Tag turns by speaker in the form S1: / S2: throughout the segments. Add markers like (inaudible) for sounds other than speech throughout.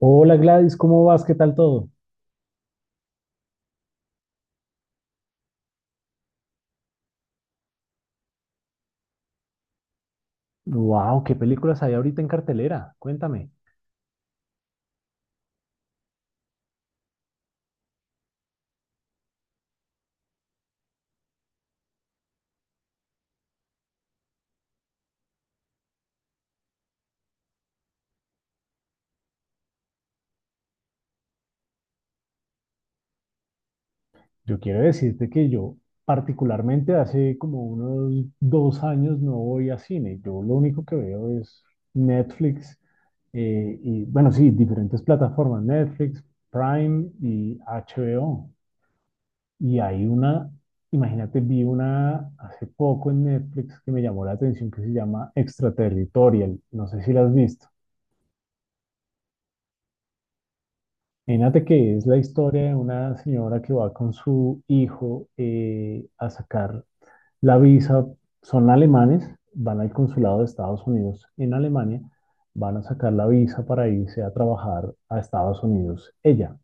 S1: Hola Gladys, ¿cómo vas? ¿Qué tal todo? Wow, ¿qué películas hay ahorita en cartelera? Cuéntame. Yo quiero decirte que yo particularmente hace como unos dos años no voy a cine. Yo lo único que veo es Netflix y bueno, sí, diferentes plataformas, Netflix, Prime y HBO. Y hay una, imagínate, vi una hace poco en Netflix que me llamó la atención que se llama Extraterritorial. No sé si la has visto. Imagínate que es la historia de una señora que va con su hijo a sacar la visa. Son alemanes, van al consulado de Estados Unidos en Alemania, van a sacar la visa para irse a trabajar a Estados Unidos ella,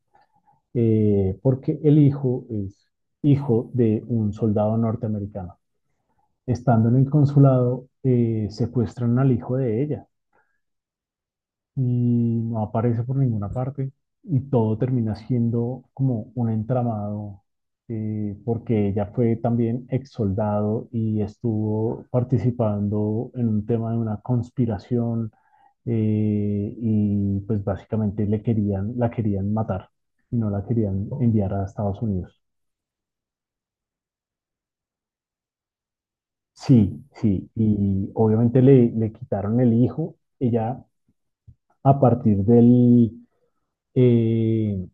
S1: porque el hijo es hijo de un soldado norteamericano. Estando en el consulado, secuestran al hijo de ella y no aparece por ninguna parte y todo termina siendo como un entramado porque ella fue también ex soldado y estuvo participando en un tema de una conspiración y pues básicamente le querían, la querían matar y no la querían enviar a Estados Unidos. Sí, sí, y obviamente le, le quitaron el hijo. Ella a partir del, eh,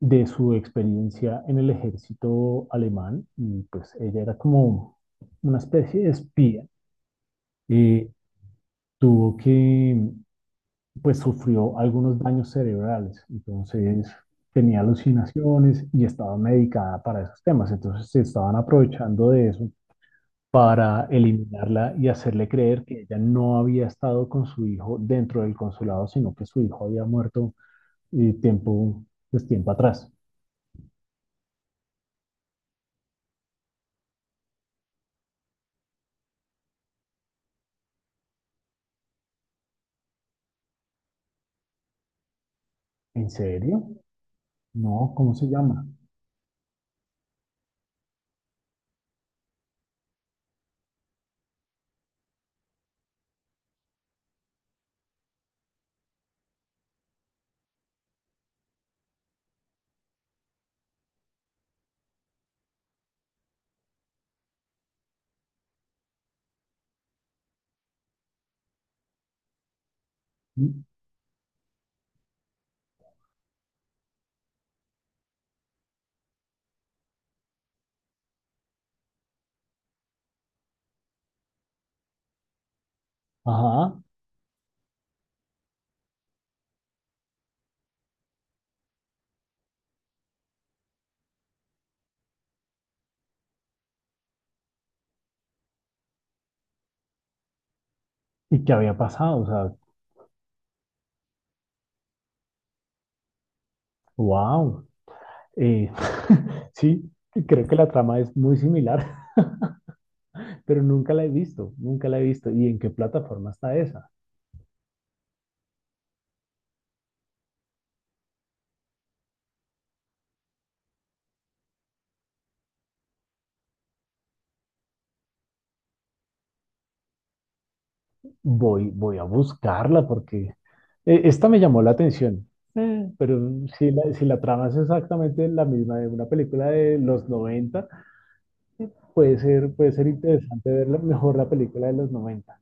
S1: de su experiencia en el ejército alemán y pues ella era como una especie de espía. Eh, tuvo que, pues sufrió algunos daños cerebrales, entonces tenía alucinaciones y estaba medicada para esos temas, entonces se estaban aprovechando de eso para eliminarla y hacerle creer que ella no había estado con su hijo dentro del consulado, sino que su hijo había muerto eh, tiempo, pues tiempo atrás. ¿En serio? No, ¿cómo se llama? Ajá. ¿Y qué había pasado? O sea, wow. (laughs) Sí, creo que la trama es muy similar, (laughs) pero nunca la he visto, nunca la he visto. ¿Y en qué plataforma está esa? Voy, voy a buscarla porque esta me llamó la atención. Mm. Pero si la, si la trama es exactamente la misma de una película de los 90, puede ser interesante ver la- mejor la película de los 90.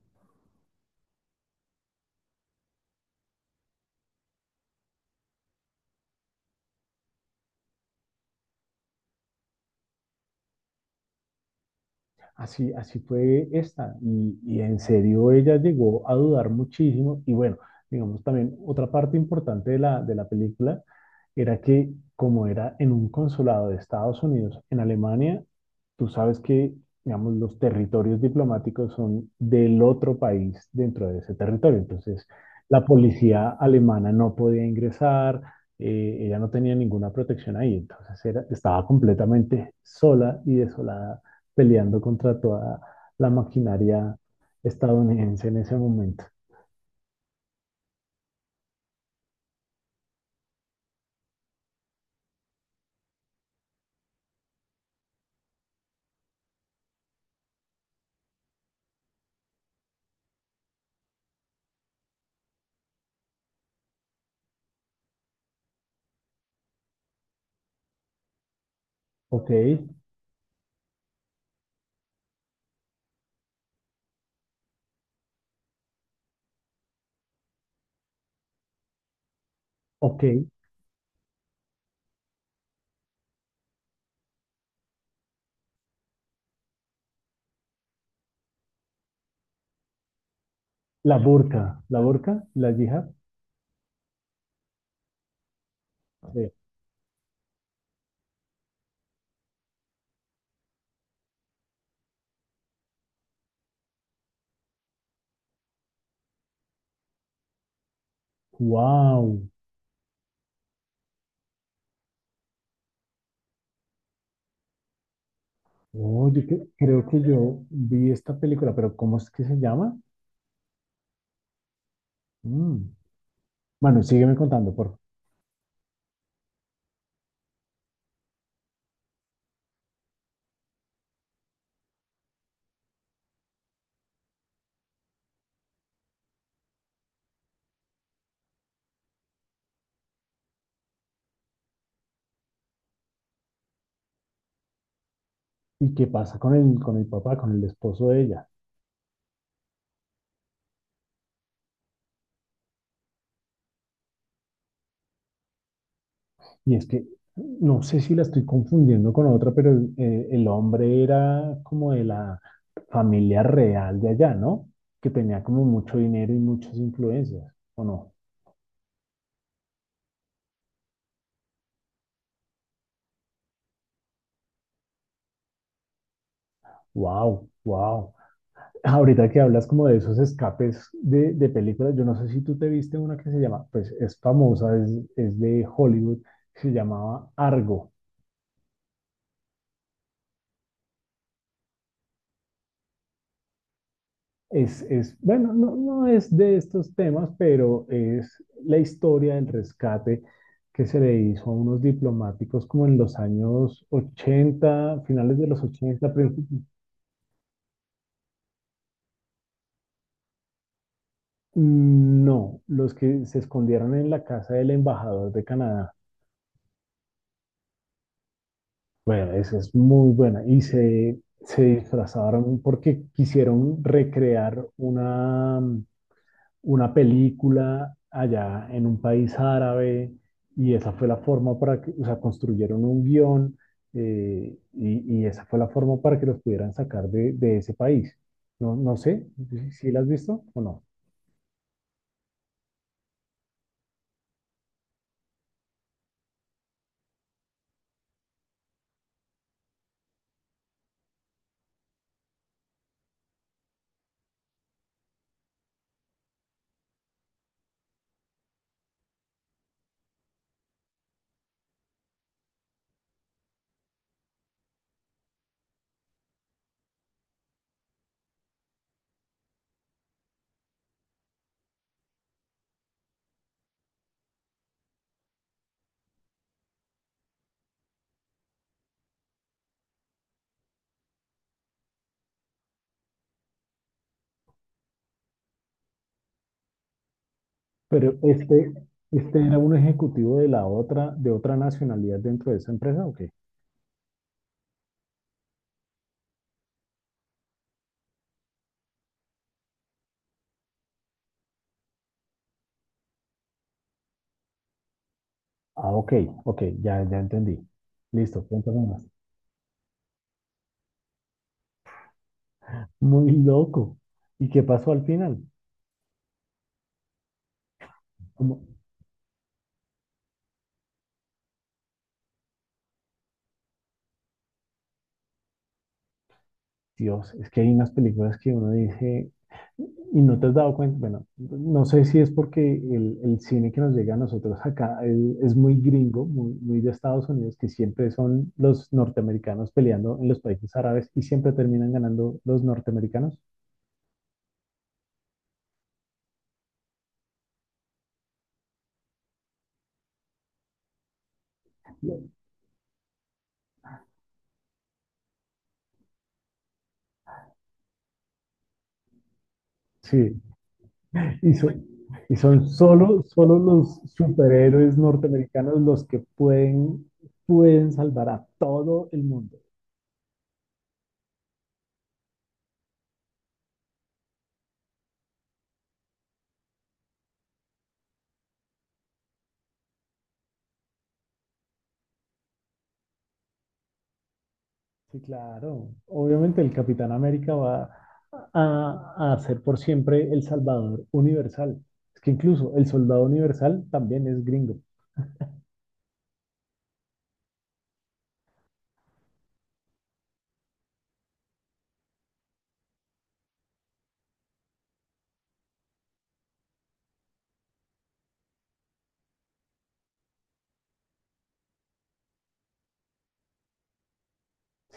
S1: Así, así fue esta. Y en serio ella llegó a dudar muchísimo. Y bueno, digamos también otra parte importante de la película era que como era en un consulado de Estados Unidos en Alemania, tú sabes que, digamos, los territorios diplomáticos son del otro país dentro de ese territorio. Entonces, la policía alemana no podía ingresar, ella no tenía ninguna protección ahí. Entonces, era- estaba completamente sola y desolada peleando contra toda la maquinaria estadounidense en ese momento. Ok, ok. La burka, la burka, la yihad. eh, Wow. Oh, yo que- creo que yo vi esta película, pero ¿cómo es que se llama? Mm. Bueno, sígueme contando, por favor. ¿Y qué pasa con el papá, con el esposo de ella? Y es que no sé si la estoy confundiendo con otra, pero el hombre era como de la familia real de allá, ¿no? Que tenía como mucho dinero y muchas influencias, ¿o no? Wow, wow. Ahorita que hablas como de esos escapes de películas, yo no sé si tú te viste una que se llama, pues es famosa, es de Hollywood, se llamaba Argo. Es, bueno, no, no es de estos temas, pero es la historia del rescate que se le hizo a unos diplomáticos como en los años 80, finales de los 80. Principios. No, los que se escondieron en la casa del embajador de Canadá. Bueno, esa es muy buena. Y se disfrazaron porque quisieron recrear una película allá en un país árabe y esa fue la forma para que, o sea, construyeron un guión y esa fue la forma para que los pudieran sacar de ese país. No, no sé si si la has visto o no, pero este era un ejecutivo de la otra, de otra nacionalidad dentro de esa empresa, ¿o qué? Ah, ok, ok, ya, ya entendí. Listo, cuéntame más. Muy loco. ¿Y qué pasó al final? Como, Dios, es que hay unas películas que uno dice y no te has dado cuenta. Bueno, no sé si es porque el cine que nos llega a nosotros acá el- es muy gringo, muy, muy de Estados Unidos, que siempre son los norteamericanos peleando en los países árabes y siempre terminan ganando los norteamericanos. Sí, y son, y son solo, solo los superhéroes norteamericanos los que pueden, pueden salvar a todo el mundo. Sí, claro. Obviamente el Capitán América va a ser por siempre el salvador universal. Es que incluso el soldado universal también es gringo.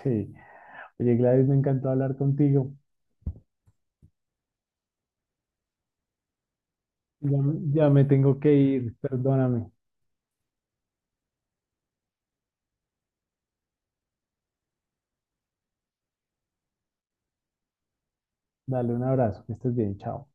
S1: Sí. Oye, Gladys, me encantó hablar contigo. Ya, ya me tengo que ir, perdóname. Dale un abrazo, que estés bien, chao.